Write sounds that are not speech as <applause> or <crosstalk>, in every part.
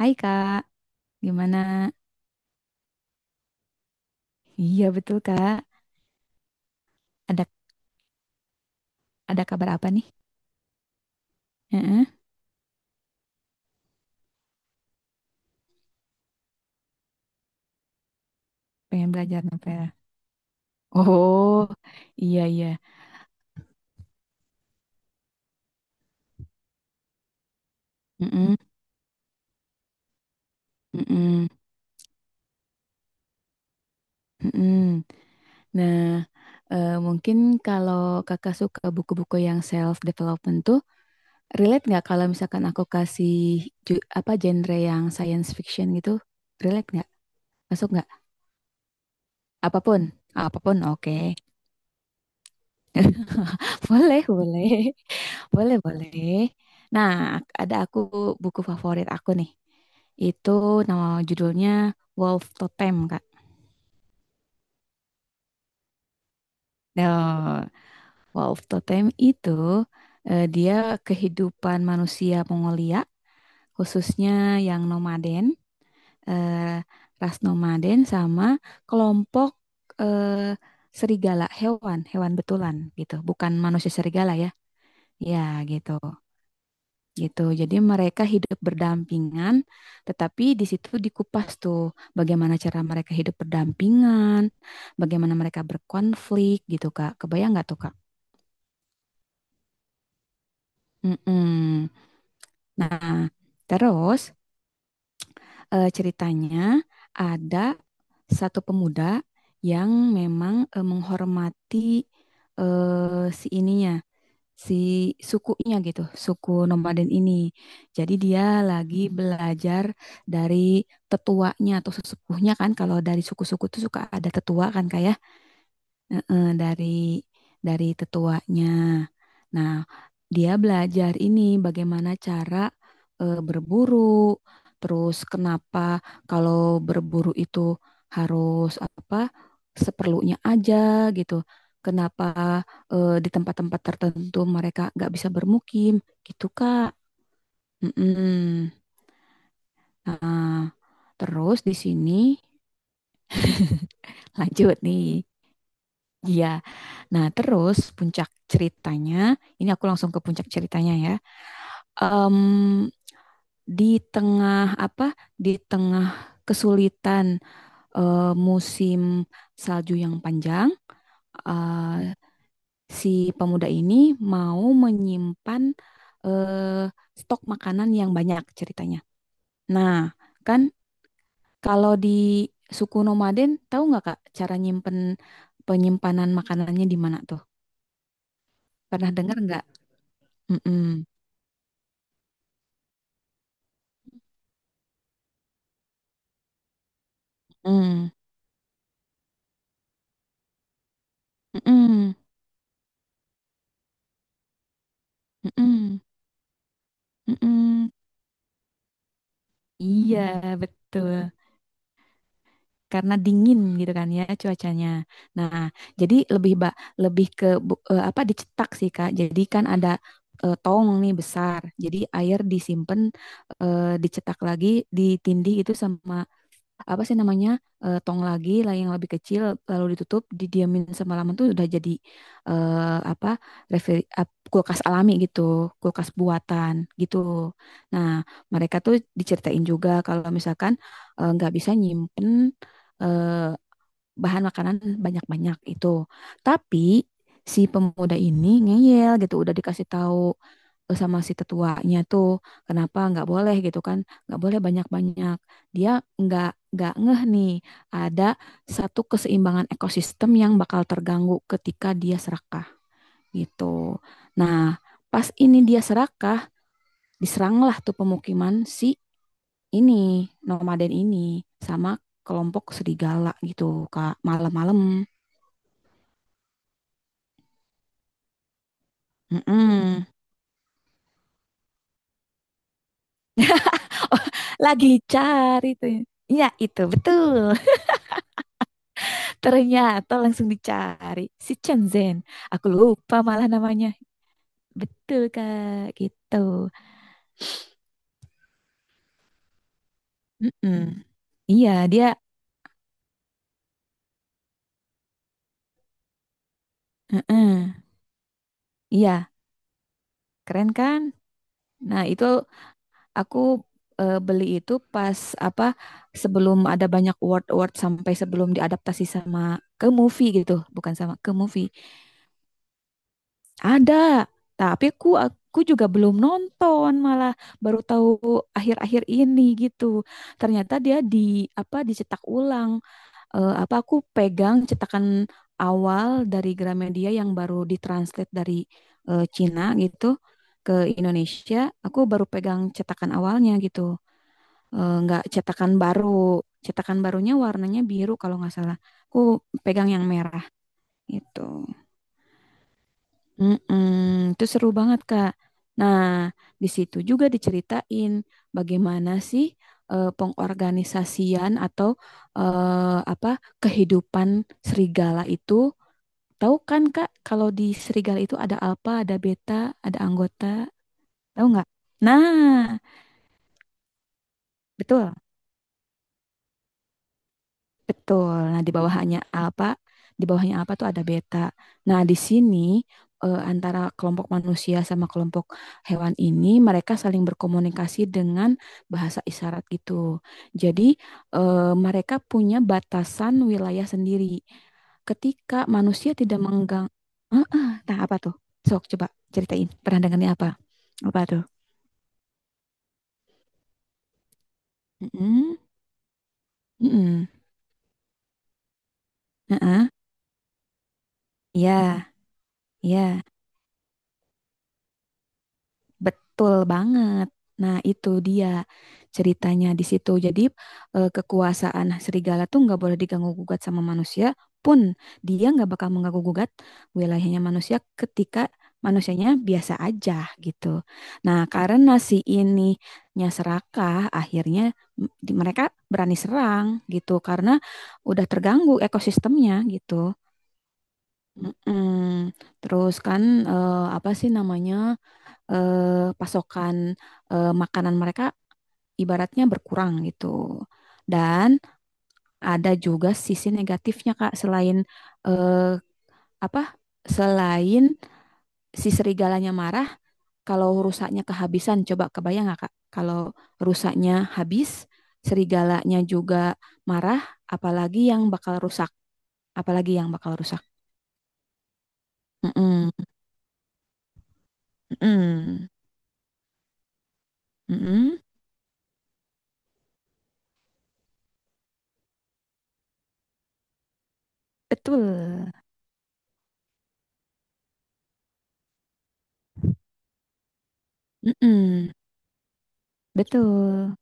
Hai Kak, gimana? Iya betul Kak. Ada ada kabar apa nih? Heeh, pengen belajar novel. Oh, iya iya. Mm-mm, mm-mm, mm-mm. Nah, mungkin kalau Kakak suka buku-buku yang self development tuh, relate nggak kalau misalkan aku kasih apa genre yang science fiction gitu? Relate nggak? Masuk nggak? Apapun, apapun. Oke. <laughs> Boleh, boleh. Boleh, boleh. Nah, ada aku buku favorit aku nih. Itu nama judulnya Wolf Totem, Kak. Nah, Wolf Totem itu dia kehidupan manusia Mongolia, khususnya yang nomaden, eh, ras nomaden sama kelompok eh, serigala, hewan, hewan betulan gitu. Bukan manusia serigala ya. Ya, gitu. gitu. Jadi mereka hidup berdampingan, tetapi di situ dikupas tuh bagaimana cara mereka hidup berdampingan, bagaimana mereka berkonflik gitu, Kak. Kebayang nggak tuh, Kak? Mm-mm. Nah, terus ceritanya ada satu pemuda yang memang menghormati si ininya, si sukunya gitu, suku nomaden ini. Jadi dia lagi belajar dari tetuanya atau sesepuhnya kan, kalau dari suku-suku tuh suka ada tetua kan kayak. Heeh, dari tetuanya. Nah, dia belajar ini bagaimana cara berburu, terus kenapa kalau berburu itu harus apa seperlunya aja gitu. Kenapa di tempat-tempat tertentu mereka nggak bisa bermukim gitu, Kak. Mm-mm. Nah, terus di sini <laughs> lanjut nih. Iya. Nah, terus puncak ceritanya, ini aku langsung ke puncak ceritanya ya. Em, di tengah apa? Di tengah kesulitan musim salju yang panjang, eh, si pemuda ini mau menyimpan eh, stok makanan yang banyak ceritanya. Nah, kan kalau di suku nomaden, tahu nggak Kak cara nyimpen penyimpanan makanannya di mana tuh? Pernah dengar nggak? Mm-mm. Mmm, mhm, mhm, mhm. Iya, betul. Karena dingin gitu kan ya cuacanya. Nah, jadi lebih ke apa, dicetak sih, Kak. Jadi kan ada tong nih besar. Jadi air disimpan, dicetak lagi, ditindih itu sama apa sih namanya tong lagi lah yang lebih kecil, lalu ditutup didiamin semalaman tuh udah jadi eh, apa kulkas alami gitu, kulkas buatan gitu. Nah, mereka tuh diceritain juga kalau misalkan nggak bisa nyimpen eh, bahan makanan banyak-banyak itu, tapi si pemuda ini ngeyel gitu, udah dikasih tahu sama si tetuanya tuh kenapa nggak boleh gitu kan, nggak boleh banyak-banyak. Dia nggak nggak ngeh nih ada satu keseimbangan ekosistem yang bakal terganggu ketika dia serakah gitu. Nah, pas ini dia serakah, diseranglah tuh pemukiman si ini nomaden ini sama kelompok serigala gitu, Kak, malam-malam. Mm-mm. Oh, <laughs> lagi cari tuh, ya itu betul. Ternyata langsung dicari si Chen Zhen. Aku lupa malah namanya. Betul Kak, gitu. Mm-mm. Iya, dia mm-mm. Iya, keren kan? Nah, itu aku beli itu pas apa sebelum ada banyak award-award, sampai sebelum diadaptasi sama ke movie gitu, bukan sama ke movie. Ada, tapi aku juga belum nonton, malah baru tahu akhir-akhir ini gitu. Ternyata dia di apa dicetak ulang. Apa aku pegang cetakan awal dari Gramedia yang baru ditranslate dari Cina gitu ke Indonesia. Aku baru pegang cetakan awalnya gitu. Nggak cetakan baru. Cetakan barunya warnanya biru kalau nggak salah. Aku pegang yang merah gitu. Mm-mm, itu seru banget, Kak. Nah, di situ juga diceritain bagaimana sih pengorganisasian atau apa kehidupan serigala itu. Tahu kan, Kak, kalau di serigala itu ada alfa, ada beta, ada anggota. Tahu nggak? Nah, betul. Betul. Nah, di bawahnya apa? Di bawahnya apa tuh ada beta. Nah, di sini antara kelompok manusia sama kelompok hewan ini mereka saling berkomunikasi dengan bahasa isyarat gitu. Jadi, eh, mereka punya batasan wilayah sendiri. Ketika manusia tidak menggang, ah, ah, nah apa tuh? Sok coba ceritain perandangannya apa? Apa tuh? Mm-mm. Mm-mm. Ah, ah. Iya, iya. Betul banget. Nah, itu dia ceritanya di situ. Jadi, kekuasaan serigala tuh nggak boleh diganggu-gugat sama manusia pun. Dia nggak bakal mengganggu-gugat wilayahnya manusia ketika manusianya biasa aja gitu. Nah, karena si ininya serakah, akhirnya mereka berani serang gitu karena udah terganggu ekosistemnya gitu. Mm-mm. Terus kan apa sih namanya? Pasokan makanan mereka ibaratnya berkurang gitu. Dan ada juga sisi negatifnya Kak, selain eh, apa? Selain si serigalanya marah, kalau rusaknya kehabisan, coba kebayang nggak Kak? Kalau rusaknya habis, serigalanya juga marah, apalagi yang bakal rusak, apalagi yang bakal rusak. Mm-mm. Mm-mm. Mm-mm. Betul. Mm-mm. Betul.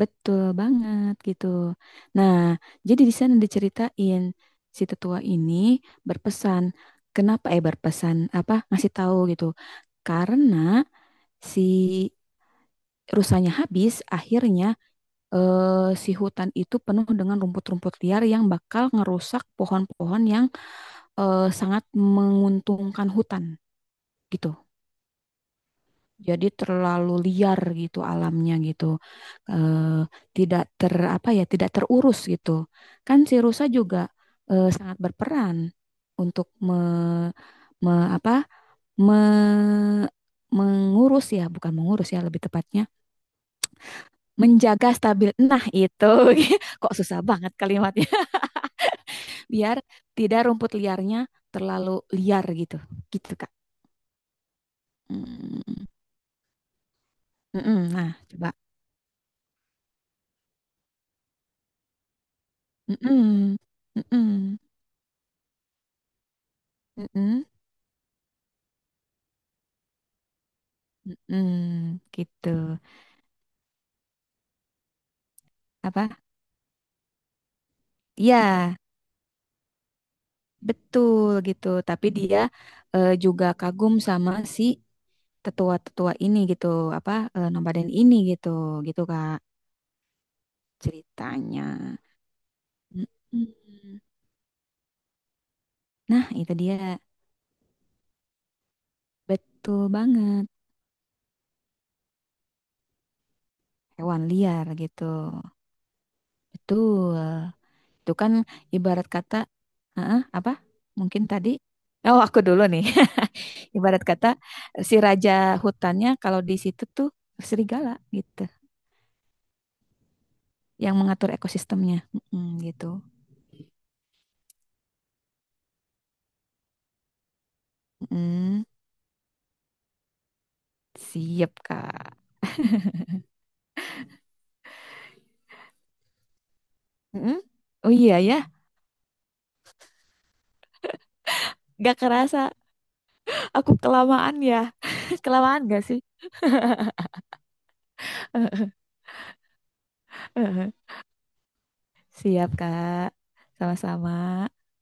Betul banget gitu. Nah, jadi di sana diceritain si tetua ini berpesan, kenapa berpesan apa ngasih tahu gitu. Karena si rusanya habis, akhirnya eh, si hutan itu penuh dengan rumput-rumput liar yang bakal ngerusak pohon-pohon yang sangat menguntungkan hutan gitu. Jadi terlalu liar gitu alamnya gitu. Eh, tidak terurus gitu. Kan si rusa juga sangat berperan untuk me, me- apa? Me- mengurus ya, bukan mengurus ya lebih tepatnya, menjaga stabil. Nah, itu <laughs> kok susah banget kalimatnya. <laughs> Biar tidak rumput liarnya terlalu liar gitu. Gitu, Kak. Mm. Mm-mm. Nah, coba. Mm-mm. Mm-mm. Mm-mm. Mm, gitu. Apa? Ya, betul gitu. Tapi dia juga kagum sama si tetua-tetua ini gitu. Apa nomaden ini gitu. Gitu Kak ceritanya. Mm-mm. Nah, itu dia. Betul banget. Hewan liar gitu. Betul. Itu kan ibarat kata, heeh, apa? Mungkin tadi oh, aku dulu nih. <laughs> Ibarat kata si raja hutannya kalau di situ tuh serigala gitu, yang mengatur ekosistemnya. Mm, gitu. Mm, siap Kak. Mm, oh iya ya, gak kerasa. Aku kelamaan ya? <laughs> Kelamaan gak sih? <laughs> Siap Kak, sama-sama.